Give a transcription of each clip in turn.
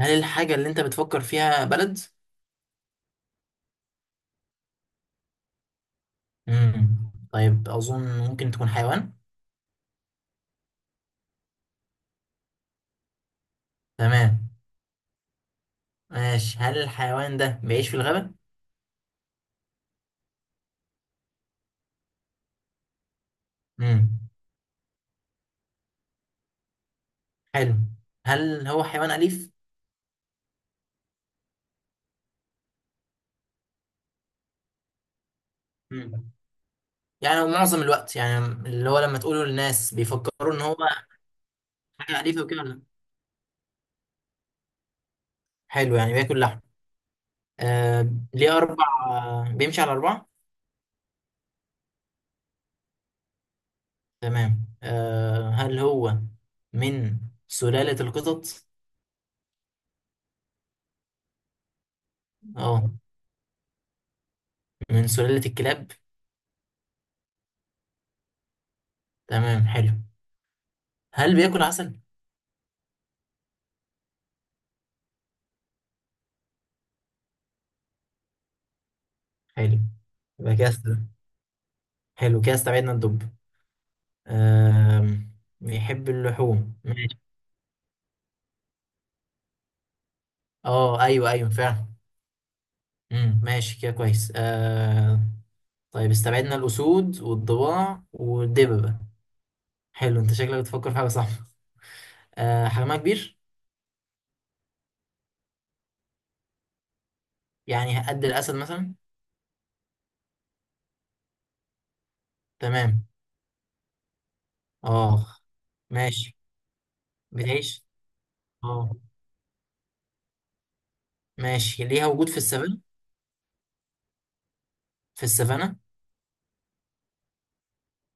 هل الحاجة اللي أنت بتفكر فيها بلد؟ مم. طيب، أظن ممكن تكون حيوان. تمام، ماشي. هل الحيوان ده بيعيش في الغابة؟ مم. حلو. هل هو حيوان أليف؟ مم. يعني معظم الوقت، يعني اللي هو لما تقوله للناس بيفكروا إن هو حاجة أليفة وكده ولا لأ؟ حلو، يعني بياكل لحم. آه. ليه أربع آه، بيمشي على أربعة؟ تمام. هل هو من سلالة القطط؟ أه. من سلالة الكلاب؟ تمام، حلو. هل بياكل عسل؟ حلو. يبقى كده حلو. كده استبعدنا الدب. آم... بيحب اللحوم، ماشي. اه، ايوه، ايوه، فعلا. ماشي، كده كويس. طيب، استبعدنا الاسود والضباع والدببة. حلو، انت شكلك بتفكر في حاجه، صح. حجمها كبير. يعني قد الاسد مثلا. تمام. اه، ماشي. بتعيش. اه، ماشي. ليها وجود في السفنه.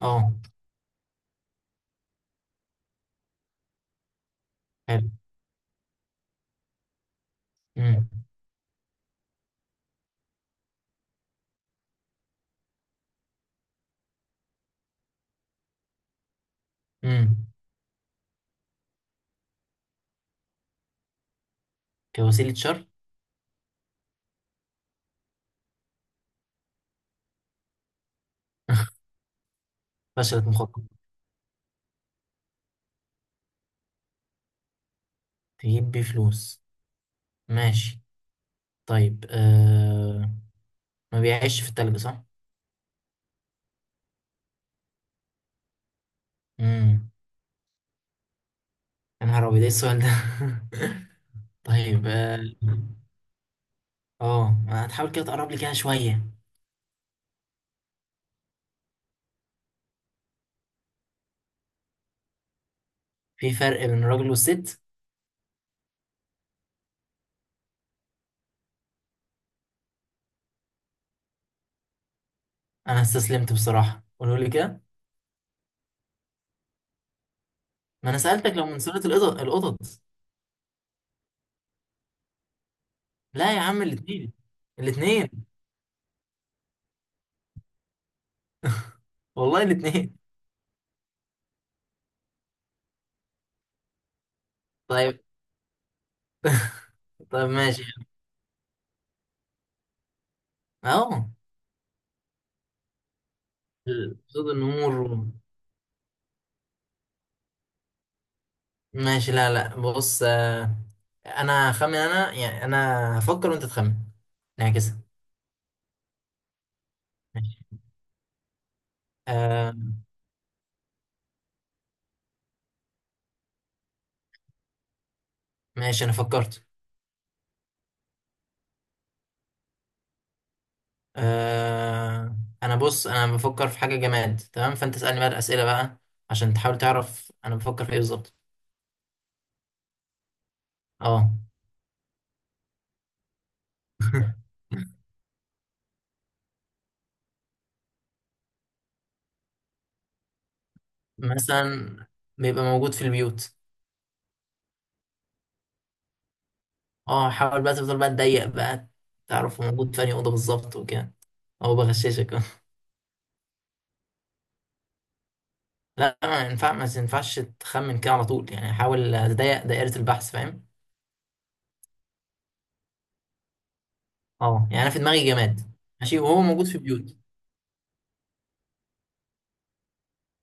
اه. حلو. امم. امم. كوسيله شر. فشلت مخطط. تجيب بيه فلوس. ماشي. طيب، ما بيعيش في التلج، صح؟ امم. يا نهار ابيض، ايه السؤال ده. طيب، اه. ما هتحاول كده تقرب لي كده شوية. في فرق بين الراجل والست. انا استسلمت بصراحة، قولوا لي كده. ما انا سألتك لو من سلالة القطط، القطط. لا يا عم، الاتنين. الاتنين. والله الاتنين. طيب. طيب، ماشي. اهو، صوت النمور. ماشي، لا، لا، بص. انا هخمن انا يعني انا هفكر وانت تخمن، نعكسها. ماشي. آه. ماشي، انا فكرت. آه. انا بص، انا بفكر في حاجة جماد، تمام، فانت اسألني بقى الأسئلة بقى، عشان تحاول تعرف انا بفكر في ايه بالظبط. اه. مثلا بيبقى موجود في البيوت. اه، حاول بقى، تفضل بقى تضيق بقى، تعرف هو موجود في انهي اوضه بالظبط وكده. هو بغششك. لا، ما ينفعش تخمن كده على طول، يعني حاول تضيق دائرة البحث، فاهم. اه، يعني انا في دماغي جماد. ماشي، وهو موجود في بيوت.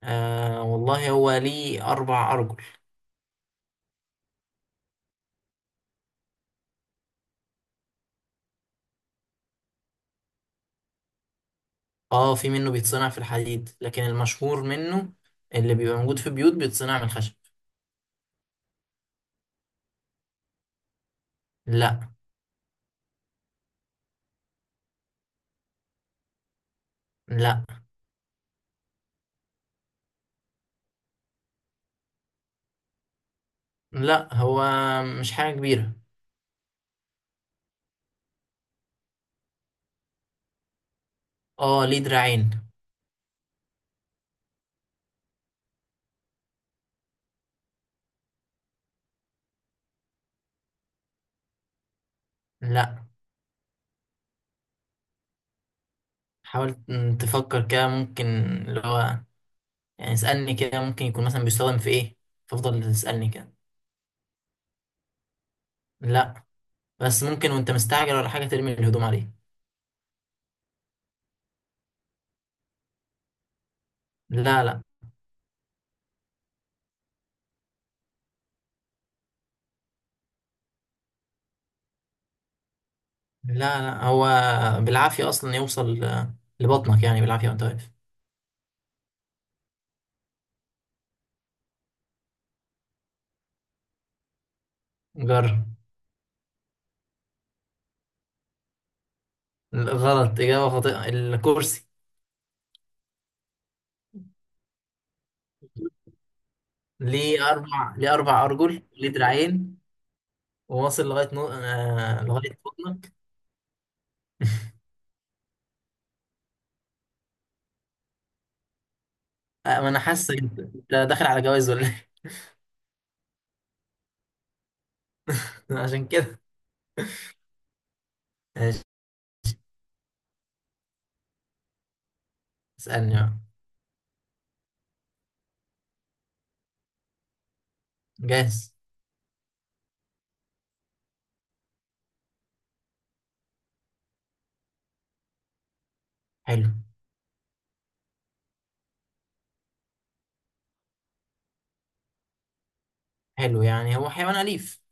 آه، والله هو ليه اربع ارجل. اه، في منه بيتصنع في الحديد، لكن المشهور منه اللي بيبقى موجود في بيوت بيتصنع من الخشب. لا. لا. لا، هو مش حاجة كبيرة. اه، ليه دراعين. لا. حاول تفكر كده، ممكن اللي هو يعني اسألني كده، ممكن يكون مثلا بيستخدم في ايه، فافضل تسألني كده. لا، بس ممكن وانت مستعجل ولا حاجة ترمي الهدوم عليه. لا، لا. لا، لا. هو بالعافية أصلا يوصل لبطنك، يعني بالعافية وانت واقف. جرب. غلط، إجابة خاطئة، الكرسي. ليه أربع أرجل، ليه دراعين، وواصل لغاية بطنك. ما أنا حاسك، أنت داخل على جواز ولا إيه؟ عشان كده. ماشي، اسألني بقى. جاهز. حلو. حلو، يعني هو حيوان أليف.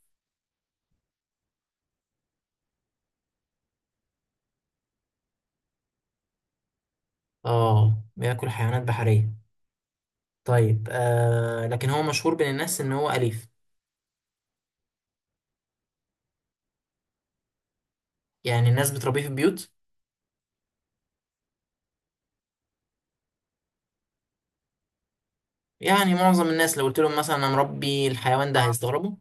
آه، بياكل حيوانات بحرية. طيب، لكن هو مشهور بين الناس ان هو اليف. يعني الناس بتربيه في البيوت. يعني معظم الناس لو قلت لهم مثلا انا مربي الحيوان ده، اه، هيستغربوا.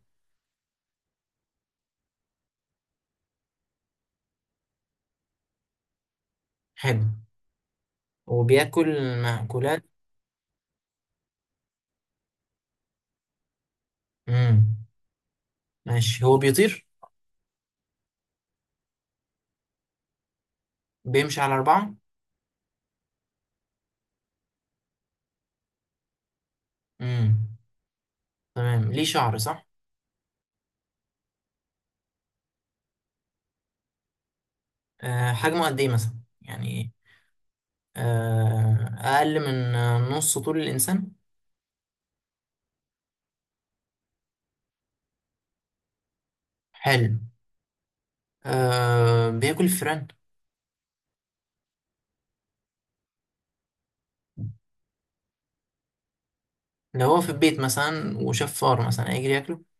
حلو. وبياكل مأكولات. امم. ماشي، هو بيطير. بيمشي على أربعة. امم. تمام، ليه شعر، صح. آه، حجمه قد ايه مثلا، يعني، اقل من نص طول الانسان. حلو. آه، بياكل الفئران. لو هو في البيت مثلا وشاف فار مثلا هيجري ياكله.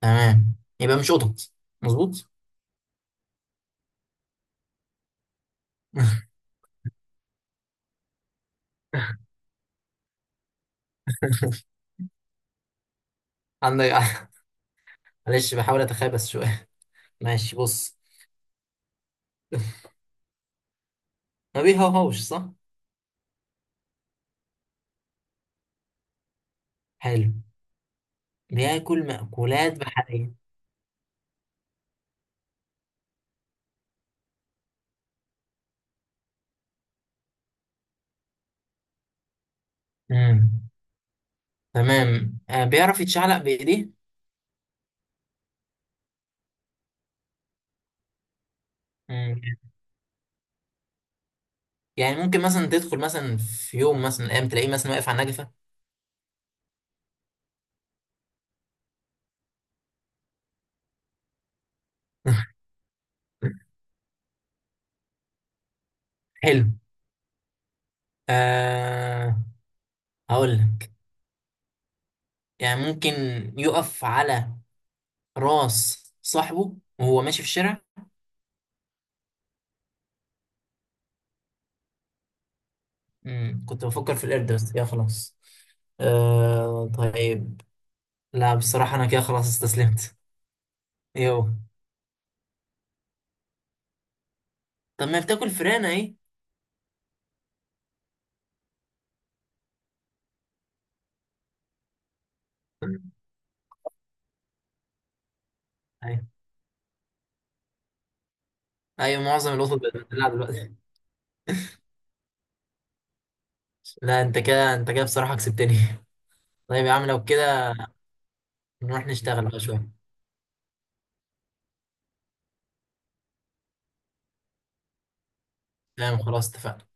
تمام. يبقى مش قطط. مظبوط. عندك. معلش، بحاول اتخابس شوية. ماشي، بص. ما بيهوهوش، صح. حلو. بياكل مأكولات بحرية. امم. تمام، بيعرف يتشعلق بإيديه. مم. يعني ممكن مثلا تدخل مثلا في يوم مثلا من الأيام تلاقيه مثلا واقف على النجفة. حلو. آه هقول لك، يعني ممكن يقف على راس صاحبه وهو ماشي في الشارع. مم. كنت بفكر في القرد، بس يا خلاص. آه، طيب. لا بصراحة، أنا كده خلاص استسلمت. يو. طب، ما بتاكل فراخ أهي. أيوة. أيوة، معظم القطط بقت بتدلع دلوقتي. لا، أنت كده بصراحة كسبتني. طيب يا عم، لو كده نروح نشتغل بقى شوية. تمام، خلاص، اتفقنا.